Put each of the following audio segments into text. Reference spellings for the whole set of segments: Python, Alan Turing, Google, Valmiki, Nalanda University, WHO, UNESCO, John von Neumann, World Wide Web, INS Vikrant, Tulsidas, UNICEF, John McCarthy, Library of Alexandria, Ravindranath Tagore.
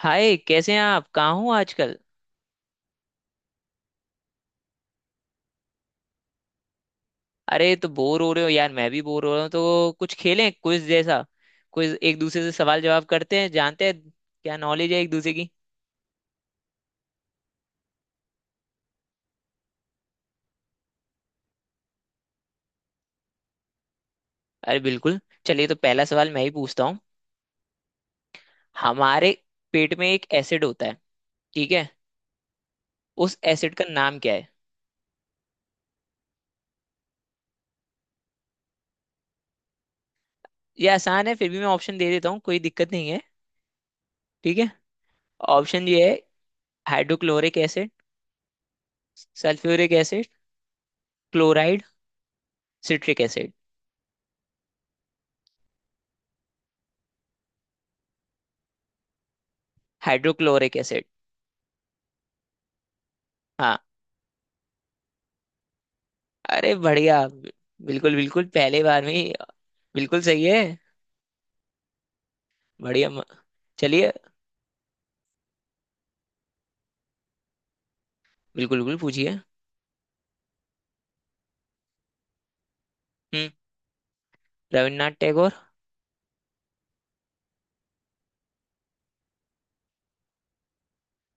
हाय, कैसे हैं आप? कहाँ हो आजकल? अरे, तो बोर हो रहे हो यार? मैं भी बोर हो रहा हूँ। तो कुछ खेलें, क्विज जैसा। क्विज एक दूसरे से सवाल जवाब करते हैं, जानते हैं क्या नॉलेज है एक दूसरे की। अरे बिल्कुल। चलिए, तो पहला सवाल मैं ही पूछता हूँ। हमारे पेट में एक एसिड होता है, ठीक है। उस एसिड का नाम क्या है? ये आसान है, फिर भी मैं ऑप्शन दे देता हूँ, कोई दिक्कत नहीं है। ठीक है, ऑप्शन ये है। Hydrochloric acid, sulphuric acid, chloride, citric acid. Hydrochloric acid. हाँ। अरे बढ़िया, बिल्कुल बिल्कुल पहले बार में ही-। बिल्कुल सही है। बढ़िया म-। चलिए। बिल्कुल बिल्कुल पूछिए। हम्म। रविन्द्रनाथ टैगोर।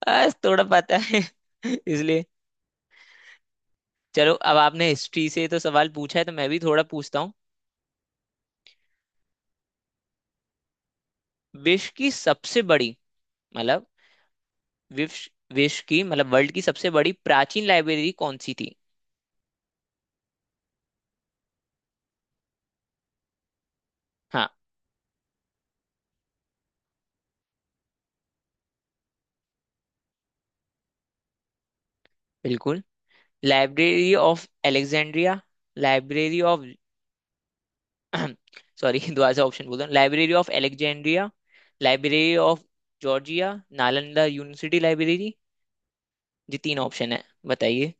बस थोड़ा पता है इसलिए। चलो, अब आपने हिस्ट्री से तो सवाल पूछा है, तो मैं भी थोड़ा पूछता हूँ। विश्व की सबसे बड़ी, मतलब विश्व विश्व की, मतलब वर्ल्ड की सबसे बड़ी प्राचीन लाइब्रेरी कौन सी थी? हाँ बिल्कुल। Library of Alexandria, library of sorry दोबारा से ऑप्शन बोल रहा हूँ। Library of Alexandria, library of Georgia, Nalanda university library. ये तीन ऑप्शन है, बताइए।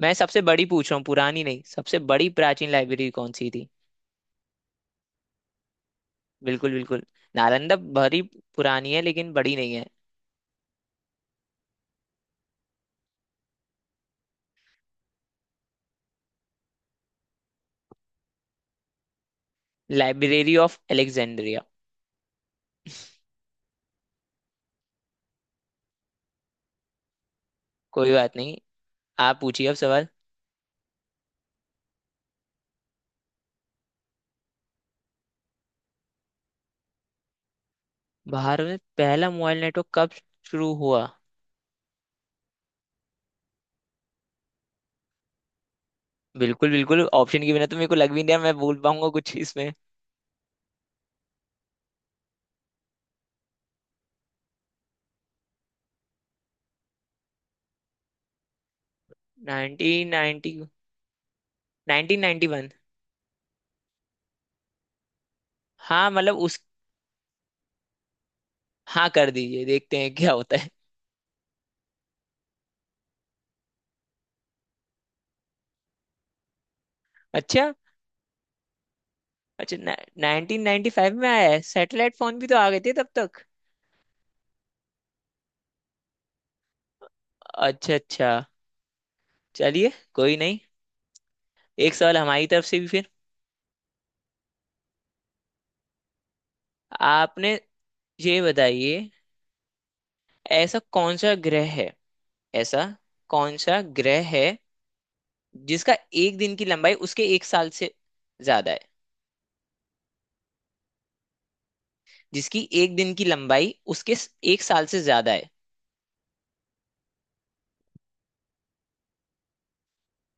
मैं सबसे बड़ी पूछ रहा हूँ, पुरानी नहीं। सबसे बड़ी प्राचीन लाइब्रेरी कौन सी थी? बिल्कुल बिल्कुल। नालंदा भरी पुरानी है, लेकिन बड़ी नहीं है। Library of Alexandria. कोई बात नहीं, आप पूछिए अब सवाल। भारत में पहला मोबाइल नेटवर्क कब शुरू हुआ? बिल्कुल बिल्कुल, ऑप्शन के बिना तो मेरे को लग भी नहीं रहा मैं बोल पाऊंगा कुछ इसमें। 1990, 1991। हाँ, मतलब उस। हाँ कर दीजिए, देखते हैं क्या होता है। अच्छा। अच्छा, नाइनटीन नाइनटी फाइव में आया है। सैटेलाइट फोन भी तो आ गए थे तब तक। अच्छा अच्छा। चलिए, कोई नहीं। एक सवाल हमारी तरफ से भी फिर। आपने, ये बताइए, ऐसा कौन सा ग्रह है, ऐसा कौन सा ग्रह है जिसका एक दिन की लंबाई उसके एक साल से ज्यादा है? जिसकी एक दिन की लंबाई उसके एक साल से ज्यादा है।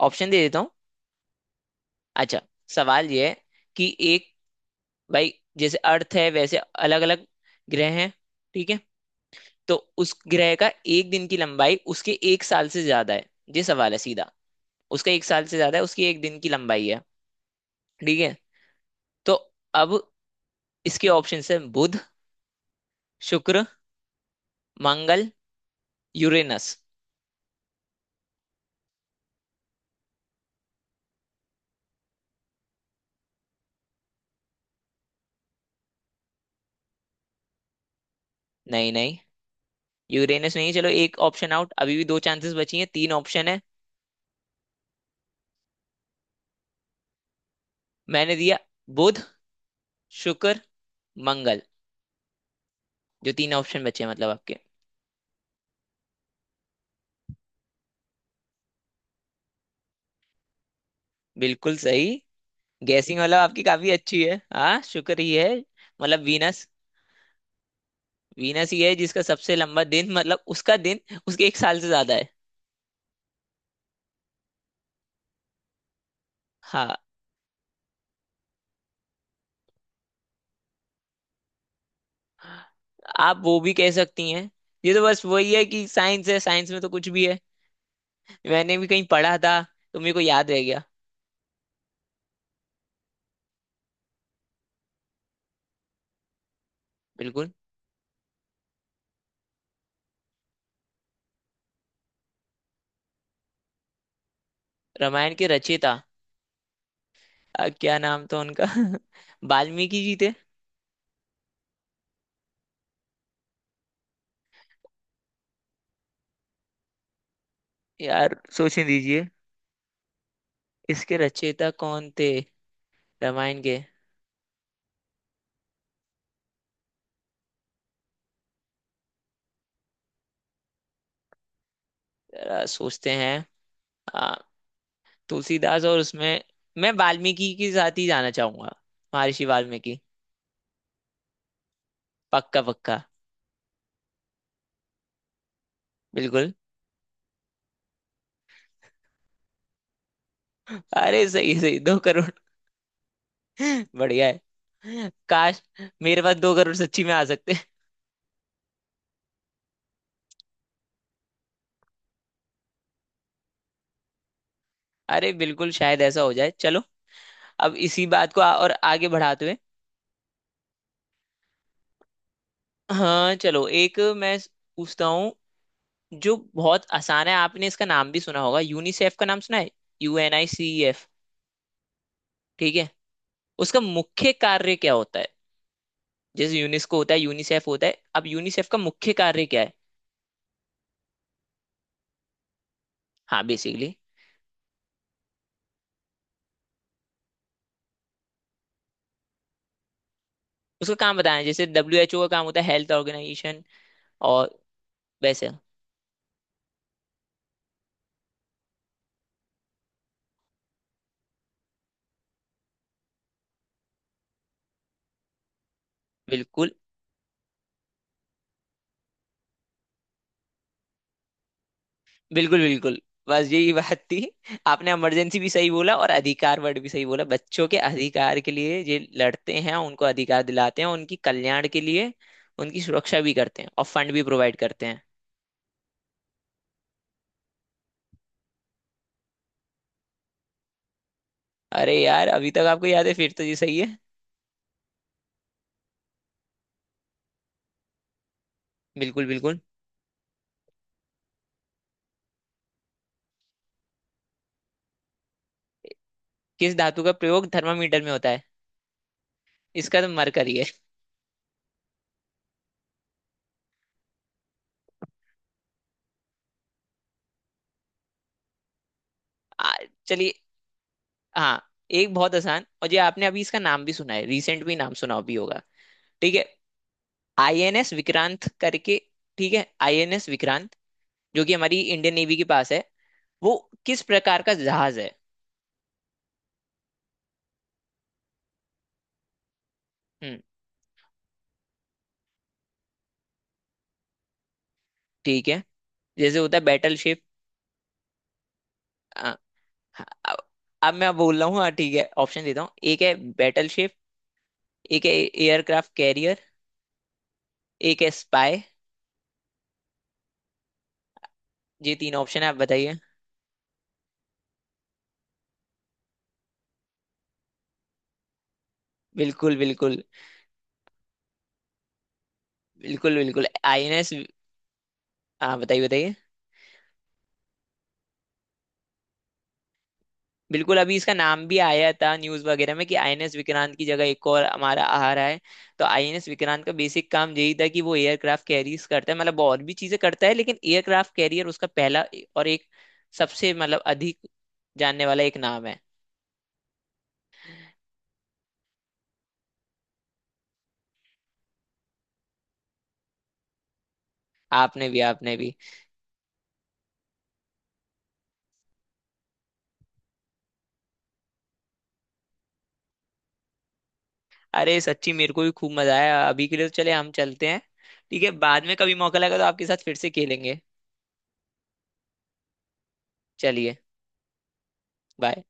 ऑप्शन दे देता हूँ। अच्छा, सवाल यह है कि एक, भाई, जैसे अर्थ है, वैसे अलग अलग ग्रह हैं, ठीक है? तो उस ग्रह का एक दिन की लंबाई उसके एक साल से ज्यादा है। ये सवाल है सीधा। उसका एक साल से ज्यादा है उसकी एक दिन की लंबाई है। ठीक है। तो अब इसके ऑप्शन है: बुध, शुक्र, मंगल, यूरेनस। नहीं नहीं, यूरेनस नहीं। चलो, एक ऑप्शन आउट। अभी भी दो चांसेस बची हैं, तीन ऑप्शन है। मैंने दिया बुध, शुक्र, मंगल। जो तीन ऑप्शन बचे हैं, मतलब आपके। बिल्कुल सही। गैसिंग मतलब आपकी काफी अच्छी है। हाँ, शुक्र ही है, मतलब वीनस। वीनस ही है जिसका सबसे लंबा दिन, मतलब उसका दिन उसके एक साल से ज्यादा है। हाँ, आप वो भी कह सकती हैं। ये तो बस वही है कि साइंस है, साइंस में तो कुछ भी है। मैंने भी कहीं पढ़ा था, तो मेरे को याद रह गया। बिल्कुल। रामायण के रचयिता, क्या नाम था उनका? वाल्मीकि जी थे। यार सोचने दीजिए, इसके रचयिता कौन थे, रामायण के? जरा सोचते हैं। तुलसीदास और उसमें, मैं वाल्मीकि के साथ ही जाना चाहूंगा। महर्षि वाल्मीकि। पक्का पक्का। बिल्कुल। अरे सही है, सही, दो करोड़। बढ़िया है, काश मेरे पास दो करोड़ सच्ची में आ सकते हैं। अरे बिल्कुल, शायद ऐसा हो जाए। चलो, अब इसी बात को और आगे बढ़ाते हुए। हाँ चलो, एक मैं पूछता हूँ जो बहुत आसान है। आपने इसका नाम भी सुना होगा, यूनिसेफ का नाम सुना है, U N I C F? ठीक है। उसका मुख्य कार्य क्या होता है? जैसे यूनेस्को होता है, यूनिसेफ होता है। अब यूनिसेफ का मुख्य कार्य क्या है? हाँ, बेसिकली उसका काम बताना है। जैसे डब्ल्यू एच ओ का काम होता है हेल्थ ऑर्गेनाइजेशन, और वैसे। बिल्कुल बिल्कुल बिल्कुल, बस यही बात थी। आपने इमरजेंसी भी सही बोला और अधिकार वर्ड भी सही बोला। बच्चों के अधिकार के लिए ये लड़ते हैं, उनको अधिकार दिलाते हैं, उनकी कल्याण के लिए। उनकी सुरक्षा भी करते हैं और फंड भी प्रोवाइड करते हैं। अरे यार, अभी तक आपको याद है, फिर तो ये सही है। बिल्कुल बिल्कुल। किस धातु का प्रयोग थर्मामीटर में होता है? इसका तो मरकरी है। आ, चलिए। हाँ, एक बहुत आसान, और ये आपने अभी इसका नाम भी सुना है, रिसेंट भी नाम सुना भी होगा, ठीक है? आईएनएस विक्रांत करके। ठीक है, आईएनएस विक्रांत जो कि हमारी इंडियन नेवी के पास है, वो किस प्रकार का जहाज है? हम्म, ठीक है। जैसे होता है बैटल शिप। आ, आ, अब मैं बोल रहा हूँ। हाँ ठीक है, ऑप्शन देता हूँ। एक है बैटल शिप, एक है एयरक्राफ्ट कैरियर, एक है स्पाई। ये तीन ऑप्शन है, आप बताइए। बिल्कुल बिल्कुल बिल्कुल बिल्कुल। आईएनएस। हाँ, बताइए बताइए। बिल्कुल, अभी इसका नाम भी आया था न्यूज वगैरह में कि आईएनएस विक्रांत की जगह एक और हमारा आ रहा है। तो आईएनएस विक्रांत का बेसिक काम यही था कि वो एयरक्राफ्ट कैरियर करता है, मतलब और भी चीजें करता है लेकिन एयरक्राफ्ट कैरियर उसका पहला, और एक सबसे, मतलब अधिक जानने वाला एक नाम है। आपने भी, आपने भी। अरे सच्ची, मेरे को भी खूब मजा आया। अभी के लिए तो चले, हम चलते हैं। ठीक है, बाद में कभी मौका लगा तो आपके साथ फिर से खेलेंगे। चलिए, बाय।